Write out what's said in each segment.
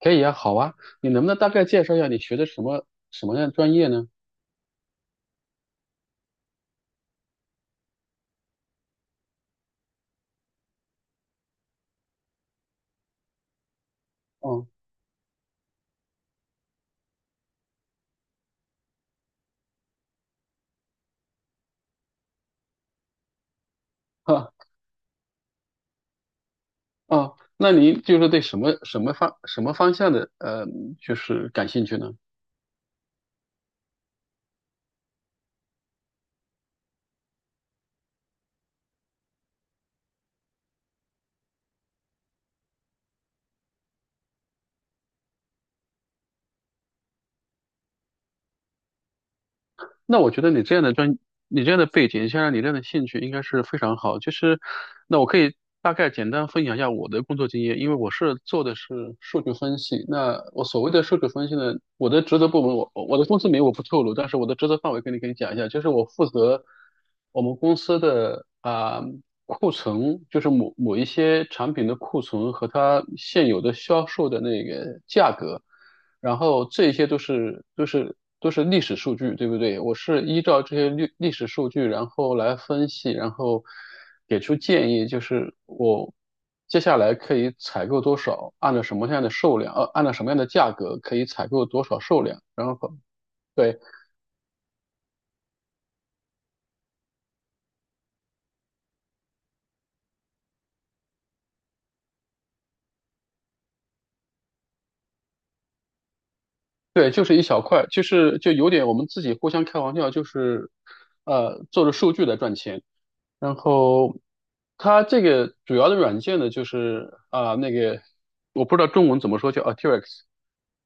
可以啊，好啊。你能不能大概介绍一下你学的什么样的专业呢？哦。哈。哦，那您就是对什么方向的就是感兴趣呢？那我觉得你这样的背景，加上你这样的兴趣，应该是非常好。就是，那我可以大概简单分享一下我的工作经验，因为我是做的是数据分析。那我所谓的数据分析呢，我的职责部门，我的公司名我不透露，但是我的职责范围跟你可以讲一下，就是我负责我们公司的啊、库存，就是某某一些产品的库存和它现有的销售的那个价格。然后这些都是历史数据，对不对？我是依照这些历史数据，然后来分析，然后给出建议，就是我接下来可以采购多少，按照什么样的数量，按照什么样的价格可以采购多少数量。然后对对，就是一小块，就有点我们自己互相开玩笑，就是做着数据来赚钱。然后它这个主要的软件呢，就是啊、那个我不知道中文怎么说，叫 Arteryx。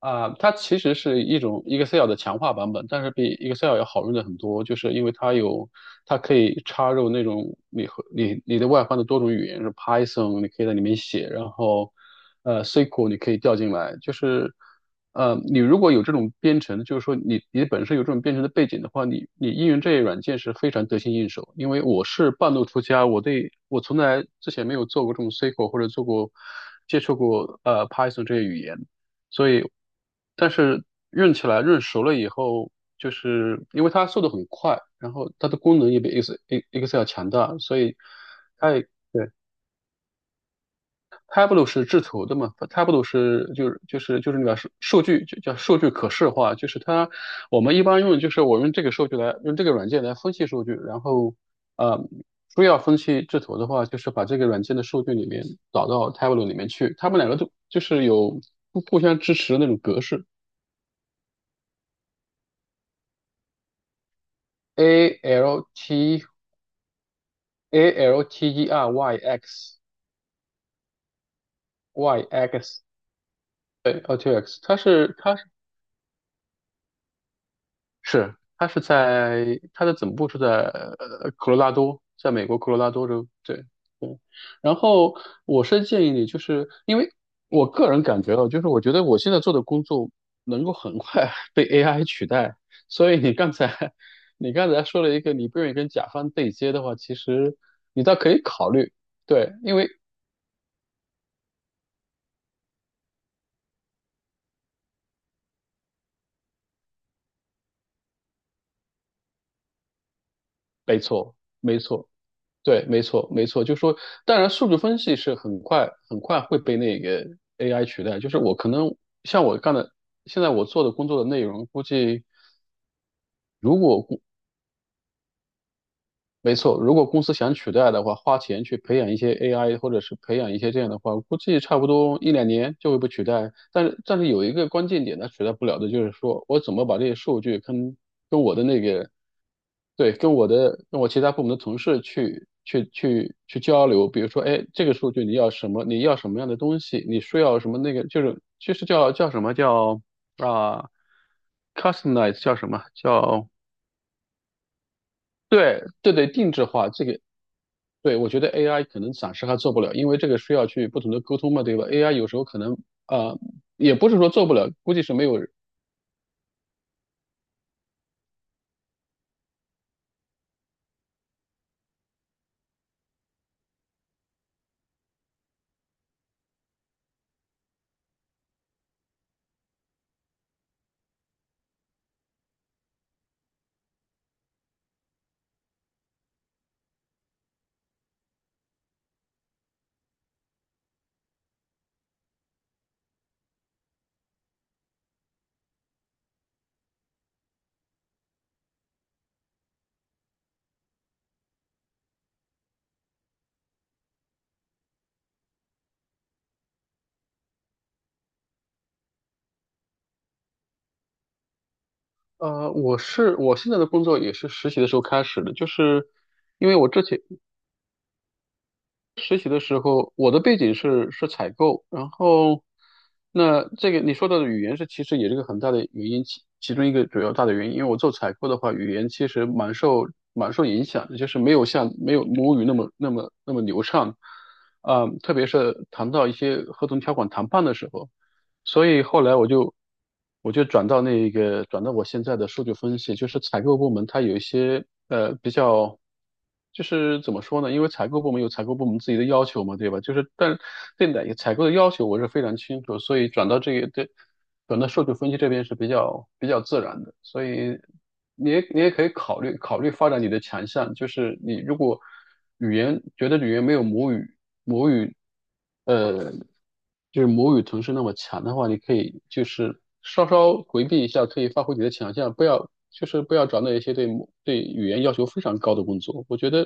啊，它其实是一种 Excel 的强化版本，但是比 Excel 要好用的很多，就是因为它有，它可以插入那种你和你你的外放的多种语言，是 Python，你可以在里面写。然后SQL 你可以调进来，就是你如果有这种编程，就是说你本身有这种编程的背景的话，你应用这些软件是非常得心应手。因为我是半路出家，我从来之前没有做过这种 SQL 或者接触过 Python 这些语言。所以，但是润起来润熟了以后，就是因为它速度很快，然后它的功能也比 Excel 强大，所以它也对。 Tableau 是制图的嘛，Tableau 是就是那个数据就叫数据可视化，就是它我们一般用，就是我用这个数据来用这个软件来分析数据，然后呃。非要分析制图的话，就是把这个软件的数据里面导到 Tableau 里面去，它们两个都就是有互相支持的那种格式。A L T， Alteryx， Y X。 对， L T X，它是。在它的总部是在科罗拉多，在美国科罗拉多州。对对，然后我是建议你，就是因为我个人感觉到，就是我觉得我现在做的工作能够很快 被 AI 取代，所以你刚才 你刚才说了一个你不愿意跟甲方对接的话，其实你倒可以考虑。对，因为没错，没错，对，没错，没错。就说，当然，数据分析是很快很快会被那个 AI 取代。就是我可能像我干的，现在我做的工作的内容，估计。如果没错，如果公司想取代的话，花钱去培养一些 AI，或者是培养一些这样的话，估计差不多一两年就会被取代。但是有一个关键点，它取代不了的就是说，我怎么把这些数据跟我的那个，对，跟我其他部门的同事去交流。比如说，哎，这个数据你要什么？你要什么样的东西？你需要什么那个？就是叫什么叫啊？customize 叫什么？对对对，定制化这个对。我觉得 AI 可能暂时还做不了，因为这个需要去不同的沟通嘛，对吧？AI 有时候可能呃，也不是说做不了，估计是没有。我是我现在的工作也是实习的时候开始的，就是因为我之前实习的时候，我的背景是采购。然后那这个你说到的语言是其实也是个很大的原因，其中一个主要大的原因，因为我做采购的话，语言其实蛮受影响的，就是没有像没有母语那么流畅。啊、特别是谈到一些合同条款谈判的时候。所以后来我就转到我现在的数据分析，就是采购部门，它有一些比较，就是怎么说呢？因为采购部门有采购部门自己的要求嘛，对吧？就是但对，哪个采购的要求我是非常清楚，所以转到数据分析这边是比较自然的。所以你也可以考虑考虑发展你的强项，就是你如果语言觉得语言没有母语，母语，呃，就是母语同时那么强的话，你可以就是稍稍回避一下，可以发挥你的强项。不要找那一些对语言要求非常高的工作。我觉得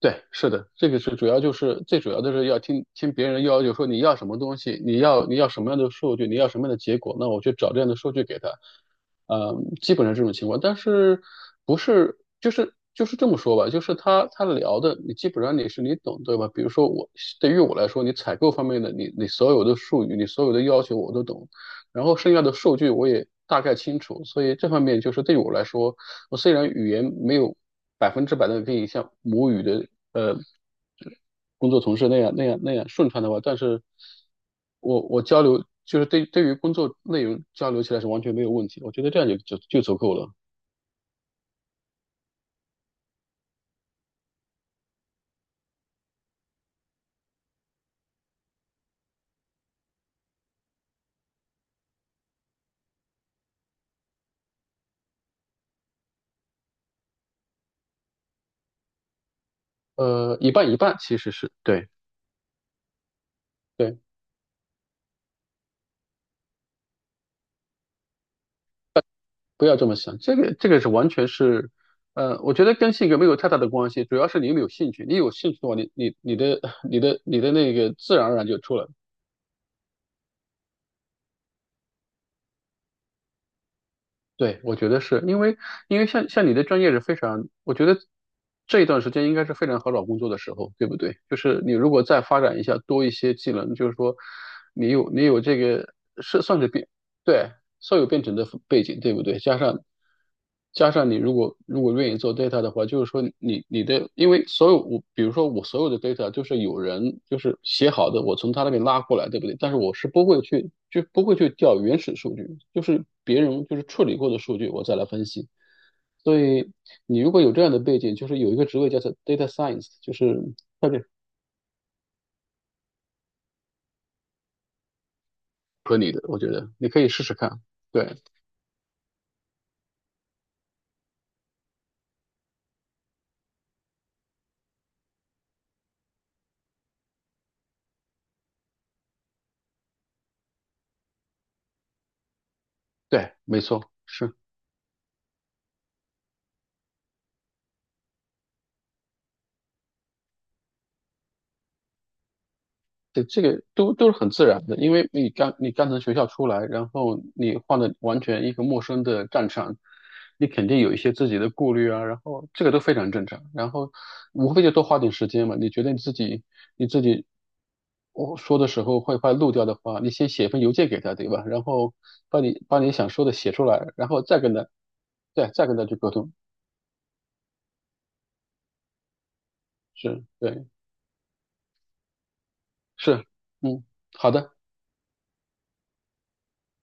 对，是的。这个是主要就是最主要的是要听听别人要求说你要什么东西，你要什么样的数据，你要什么样的结果，那我去找这样的数据给他。嗯，基本上这种情况。但是不是就是这么说吧，就是他聊的，你基本上你是你懂对吧？比如说对于我来说，你采购方面的你所有的术语，你所有的要求我都懂，然后剩下的数据我也大概清楚。所以这方面就是对我来说，我虽然语言没有百分之百的可以像母语的呃工作同事那样顺畅的话，但是我交流就是对于工作内容交流起来是完全没有问题，我觉得这样就足够了。一半一半其实是对。对，不要这么想，这个是完全是，我觉得跟性格没有太大的关系，主要是你有没有兴趣。你有兴趣的话，你的那个自然而然就出来了。对，我觉得是因为因为像你的专业是非常，我觉得这一段时间应该是非常好找工作的时候，对不对？就是你如果再发展一下，多一些技能，就是说你有这个是算是比对，所有编程的背景，对不对？加上你如果愿意做 data 的话，就是说你你的，因为所有我比如说我所有的 data 就是有人就是写好的，我从他那边拉过来，对不对？但是我是不会去调原始数据，就是别人就是处理过的数据，我再来分析。所以你如果有这样的背景，就是有一个职位叫做 data science，就是特别合你的，我觉得你可以试试看。对对，没错，是。对，这个都是很自然的，因为你刚从学校出来，然后你换了完全一个陌生的战场，你肯定有一些自己的顾虑啊。然后这个都非常正常，然后无非就多花点时间嘛。你觉得你自己我说的时候会快漏掉的话，你先写一份邮件给他，对吧？然后把你想说的写出来，然后再跟他，对，再跟他去沟通。是，对，是。嗯，好的。